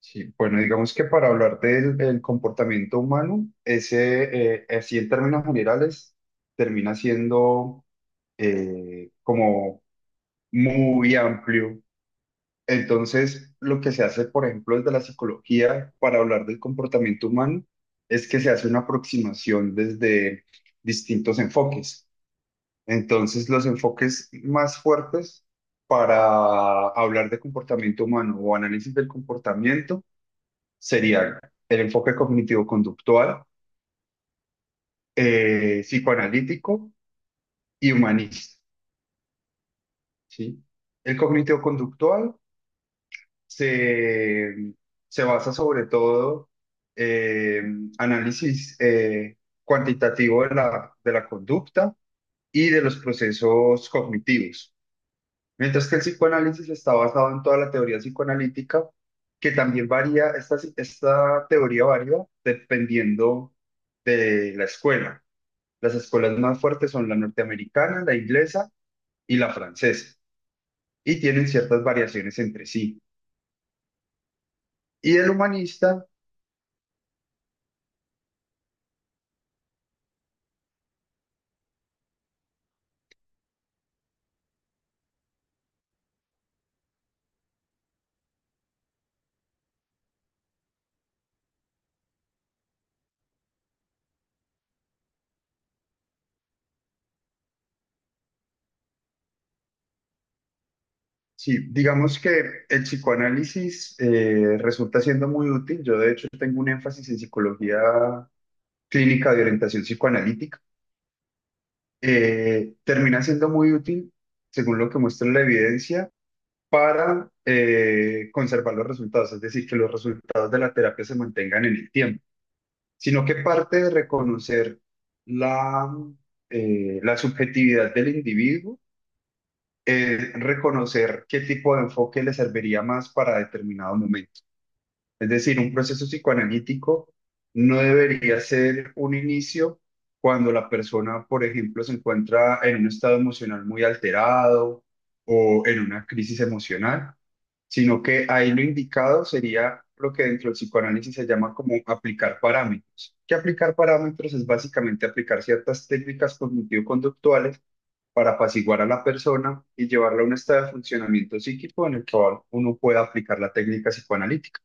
Sí, bueno, digamos que para hablar del comportamiento humano, ese, así en términos generales, termina siendo como muy amplio. Entonces, lo que se hace, por ejemplo, desde la psicología para hablar del comportamiento humano, es que se hace una aproximación desde distintos enfoques. Entonces, los enfoques más fuertes para hablar de comportamiento humano o análisis del comportamiento serían el enfoque cognitivo-conductual, psicoanalítico y humanista, ¿sí? El cognitivo-conductual se, se basa sobre todo en análisis cuantitativo de de la conducta y de los procesos cognitivos, mientras que el psicoanálisis está basado en toda la teoría psicoanalítica, que también varía, esta teoría varía dependiendo de la escuela. Las escuelas más fuertes son la norteamericana, la inglesa y la francesa, y tienen ciertas variaciones entre sí. Y el humanista, sí, digamos que el psicoanálisis resulta siendo muy útil. Yo de hecho tengo un énfasis en psicología clínica de orientación psicoanalítica. Termina siendo muy útil, según lo que muestra la evidencia, para conservar los resultados, es decir, que los resultados de la terapia se mantengan en el tiempo. Sino que parte de reconocer la, la subjetividad del individuo, es reconocer qué tipo de enfoque le serviría más para determinado momento. Es decir, un proceso psicoanalítico no debería ser un inicio cuando la persona, por ejemplo, se encuentra en un estado emocional muy alterado o en una crisis emocional, sino que ahí lo indicado sería lo que dentro del psicoanálisis se llama como aplicar parámetros. Que aplicar parámetros es básicamente aplicar ciertas técnicas cognitivo-conductuales para apaciguar a la persona y llevarla a un estado de funcionamiento psíquico en el que uno pueda aplicar la técnica psicoanalítica.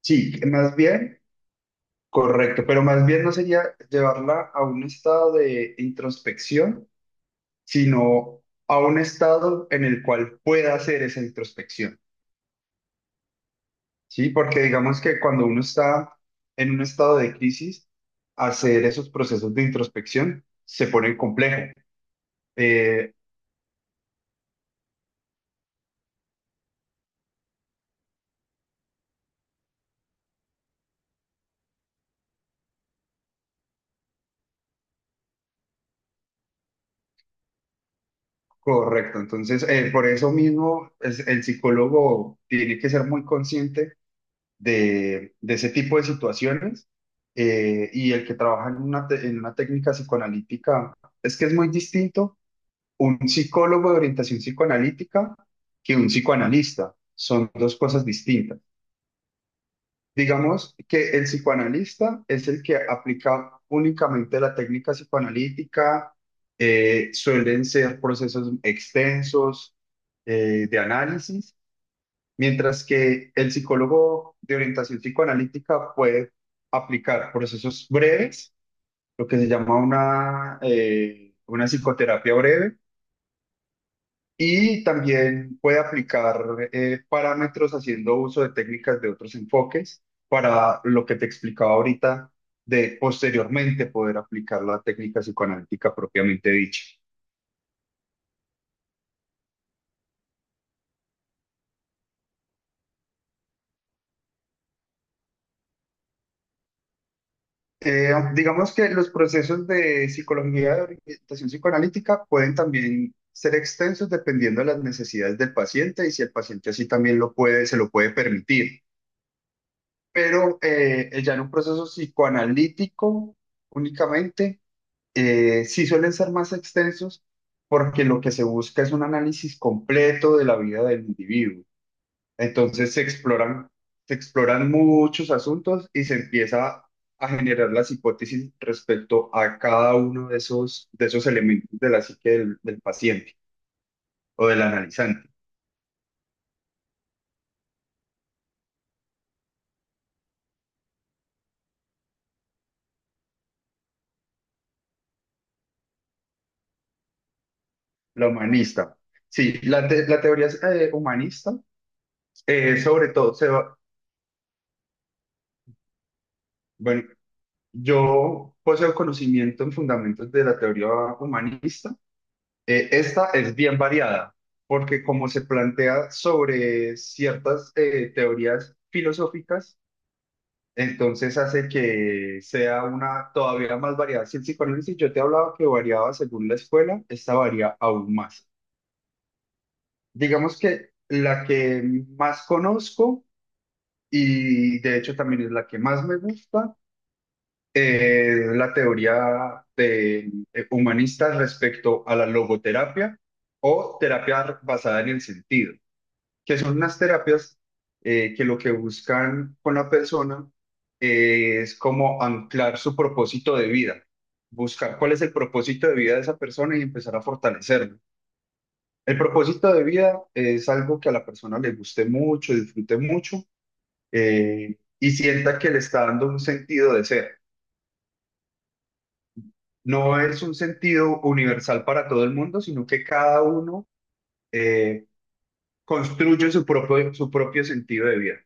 Sí, más bien, correcto, pero más bien no sería llevarla a un estado de introspección, sino a un estado en el cual pueda hacer esa introspección. Sí, porque digamos que cuando uno está en un estado de crisis, hacer esos procesos de introspección se pone complejo. Eh, Correcto, entonces por eso mismo el psicólogo tiene que ser muy consciente de ese tipo de situaciones, y el que trabaja en una, en una técnica psicoanalítica es que es muy distinto un psicólogo de orientación psicoanalítica que un psicoanalista. Son dos cosas distintas. Digamos que el psicoanalista es el que aplica únicamente la técnica psicoanalítica, suelen ser procesos extensos de análisis, mientras que el psicólogo de orientación psicoanalítica puede aplicar procesos breves, lo que se llama una psicoterapia breve, y también puede aplicar parámetros haciendo uso de técnicas de otros enfoques para lo que te explicaba ahorita de posteriormente poder aplicar la técnica psicoanalítica propiamente dicha. Digamos que los procesos de psicología de orientación psicoanalítica pueden también ser extensos dependiendo de las necesidades del paciente y si el paciente así también lo puede, se lo puede permitir. Pero ya en un proceso psicoanalítico únicamente sí suelen ser más extensos porque lo que se busca es un análisis completo de la vida del individuo. Entonces se exploran muchos asuntos y se empieza a generar las hipótesis respecto a cada uno de de esos elementos de la psique del paciente o del analizante, la humanista. Sí, la teoría humanista, sobre todo, se va, bueno, yo poseo conocimiento en fundamentos de la teoría humanista. Esta es bien variada, porque como se plantea sobre ciertas teorías filosóficas, entonces hace que sea una todavía más variada. Si el psicoanálisis yo te hablaba que variaba según la escuela, esta varía aún más. Digamos que la que más conozco y de hecho también es la que más me gusta, es la teoría de, humanista respecto a la logoterapia o terapia basada en el sentido, que son unas terapias que lo que buscan con la persona es como anclar su propósito de vida, buscar cuál es el propósito de vida de esa persona y empezar a fortalecerlo. El propósito de vida es algo que a la persona le guste mucho, disfrute mucho, y sienta que le está dando un sentido de ser. No es un sentido universal para todo el mundo, sino que cada uno eh, construye su propio sentido de vida.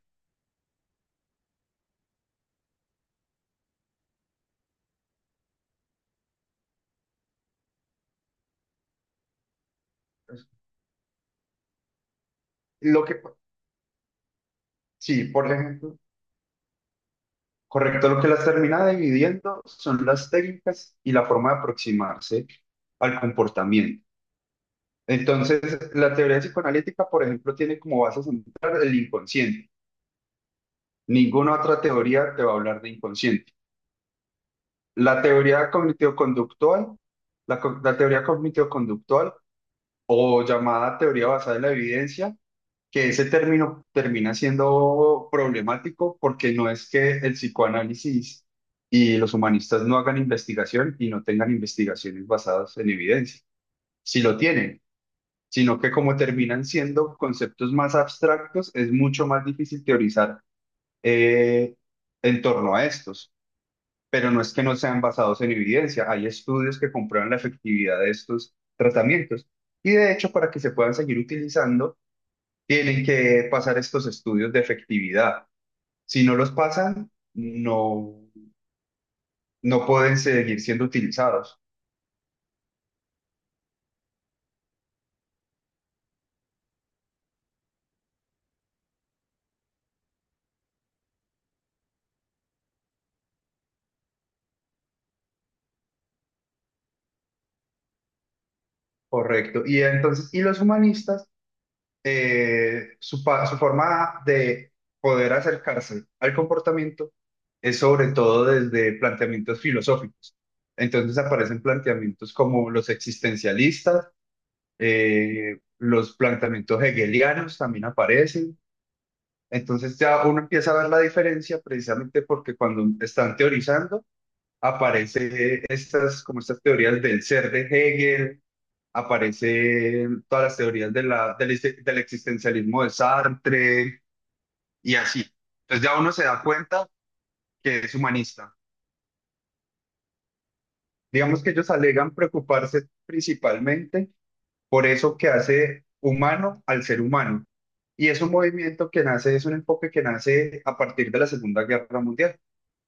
Lo que, sí, por ejemplo, correcto, lo que las termina dividiendo son las técnicas y la forma de aproximarse al comportamiento. Entonces, la teoría psicoanalítica, por ejemplo, tiene como base central el inconsciente. Ninguna otra teoría te va a hablar de inconsciente. La teoría cognitivo-conductual, la teoría cognitivo-conductual o llamada teoría basada en la evidencia, que ese término termina siendo problemático porque no es que el psicoanálisis y los humanistas no hagan investigación y no tengan investigaciones basadas en evidencia, si lo tienen, sino que como terminan siendo conceptos más abstractos, es mucho más difícil teorizar eh, en torno a estos, pero no es que no sean basados en evidencia, hay estudios que comprueban la efectividad de estos tratamientos. Y de hecho, para que se puedan seguir utilizando, tienen que pasar estos estudios de efectividad. Si no los pasan, no, no pueden seguir siendo utilizados. Correcto. Y entonces, y los humanistas, su forma de poder acercarse al comportamiento es sobre todo desde planteamientos filosóficos. Entonces aparecen planteamientos como los existencialistas, los planteamientos hegelianos también aparecen. Entonces ya uno empieza a ver la diferencia precisamente porque cuando están teorizando aparece estas como estas teorías del ser de Hegel, aparecen todas las teorías de del existencialismo de Sartre y así. Entonces ya uno se da cuenta que es humanista. Digamos que ellos alegan preocuparse principalmente por eso que hace humano al ser humano. Y es un movimiento que nace, es un enfoque que nace a partir de la Segunda Guerra Mundial,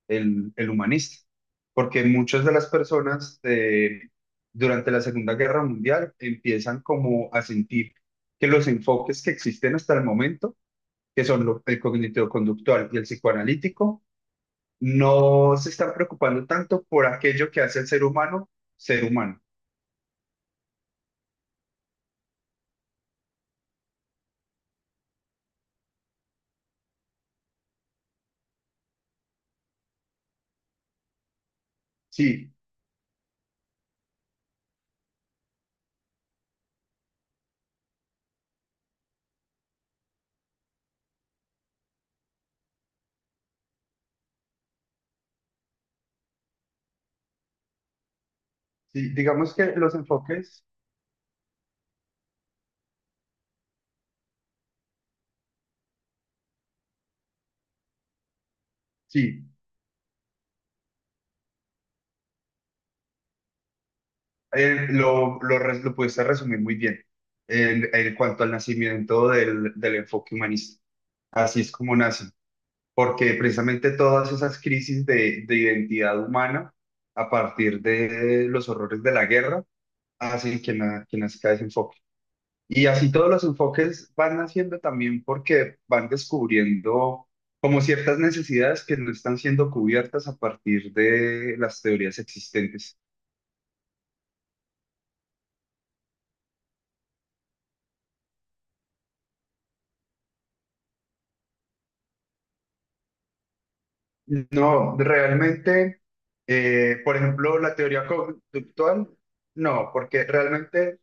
el humanista, porque muchas de las personas durante la Segunda Guerra Mundial empiezan como a sentir que los enfoques que existen hasta el momento, que son el cognitivo-conductual y el psicoanalítico, no se están preocupando tanto por aquello que hace el ser humano ser humano. Sí, sí, digamos que los enfoques, sí, lo pudiste resumir muy bien en cuanto al nacimiento del enfoque humanista. Así es como nace, porque precisamente todas esas crisis de identidad humana a partir de los horrores de la guerra hacen que, que nazca ese enfoque. Y así todos los enfoques van naciendo también porque van descubriendo como ciertas necesidades que no están siendo cubiertas a partir de las teorías existentes. No, realmente, por ejemplo, la teoría conductual, no, porque realmente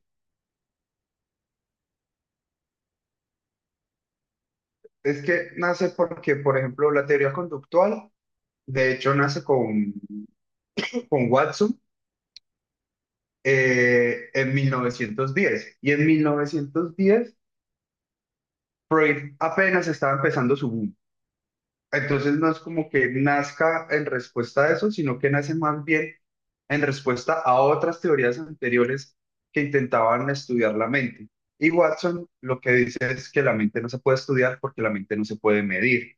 es que nace porque, por ejemplo, la teoría conductual de hecho nace con Watson en 1910. Y en 1910 Freud apenas estaba empezando su boom. Entonces, no es como que nazca en respuesta a eso, sino que nace más bien en respuesta a otras teorías anteriores que intentaban estudiar la mente. Y Watson lo que dice es que la mente no se puede estudiar porque la mente no se puede medir.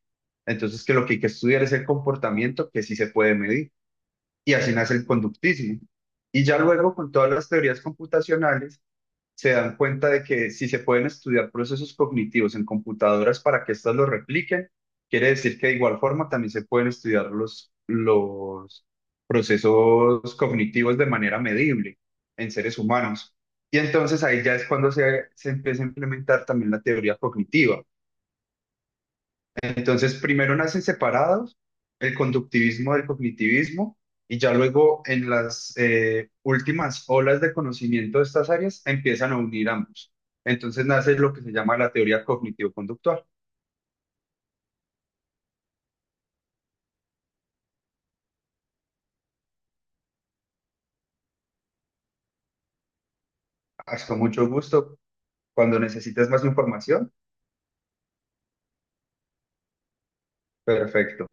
Entonces, que lo que hay que estudiar es el comportamiento que sí se puede medir, y así nace el conductismo. Y ya luego con todas las teorías computacionales se dan cuenta de que si se pueden estudiar procesos cognitivos en computadoras para que éstas los repliquen, quiere decir que de igual forma también se pueden estudiar los procesos cognitivos de manera medible en seres humanos. Y entonces ahí ya es cuando se empieza a implementar también la teoría cognitiva. Entonces, primero nacen separados el conductivismo del cognitivismo y ya luego en las últimas olas de conocimiento de estas áreas empiezan a unir ambos. Entonces nace lo que se llama la teoría cognitivo-conductual. Hasta mucho gusto. Cuando necesites más información, perfecto.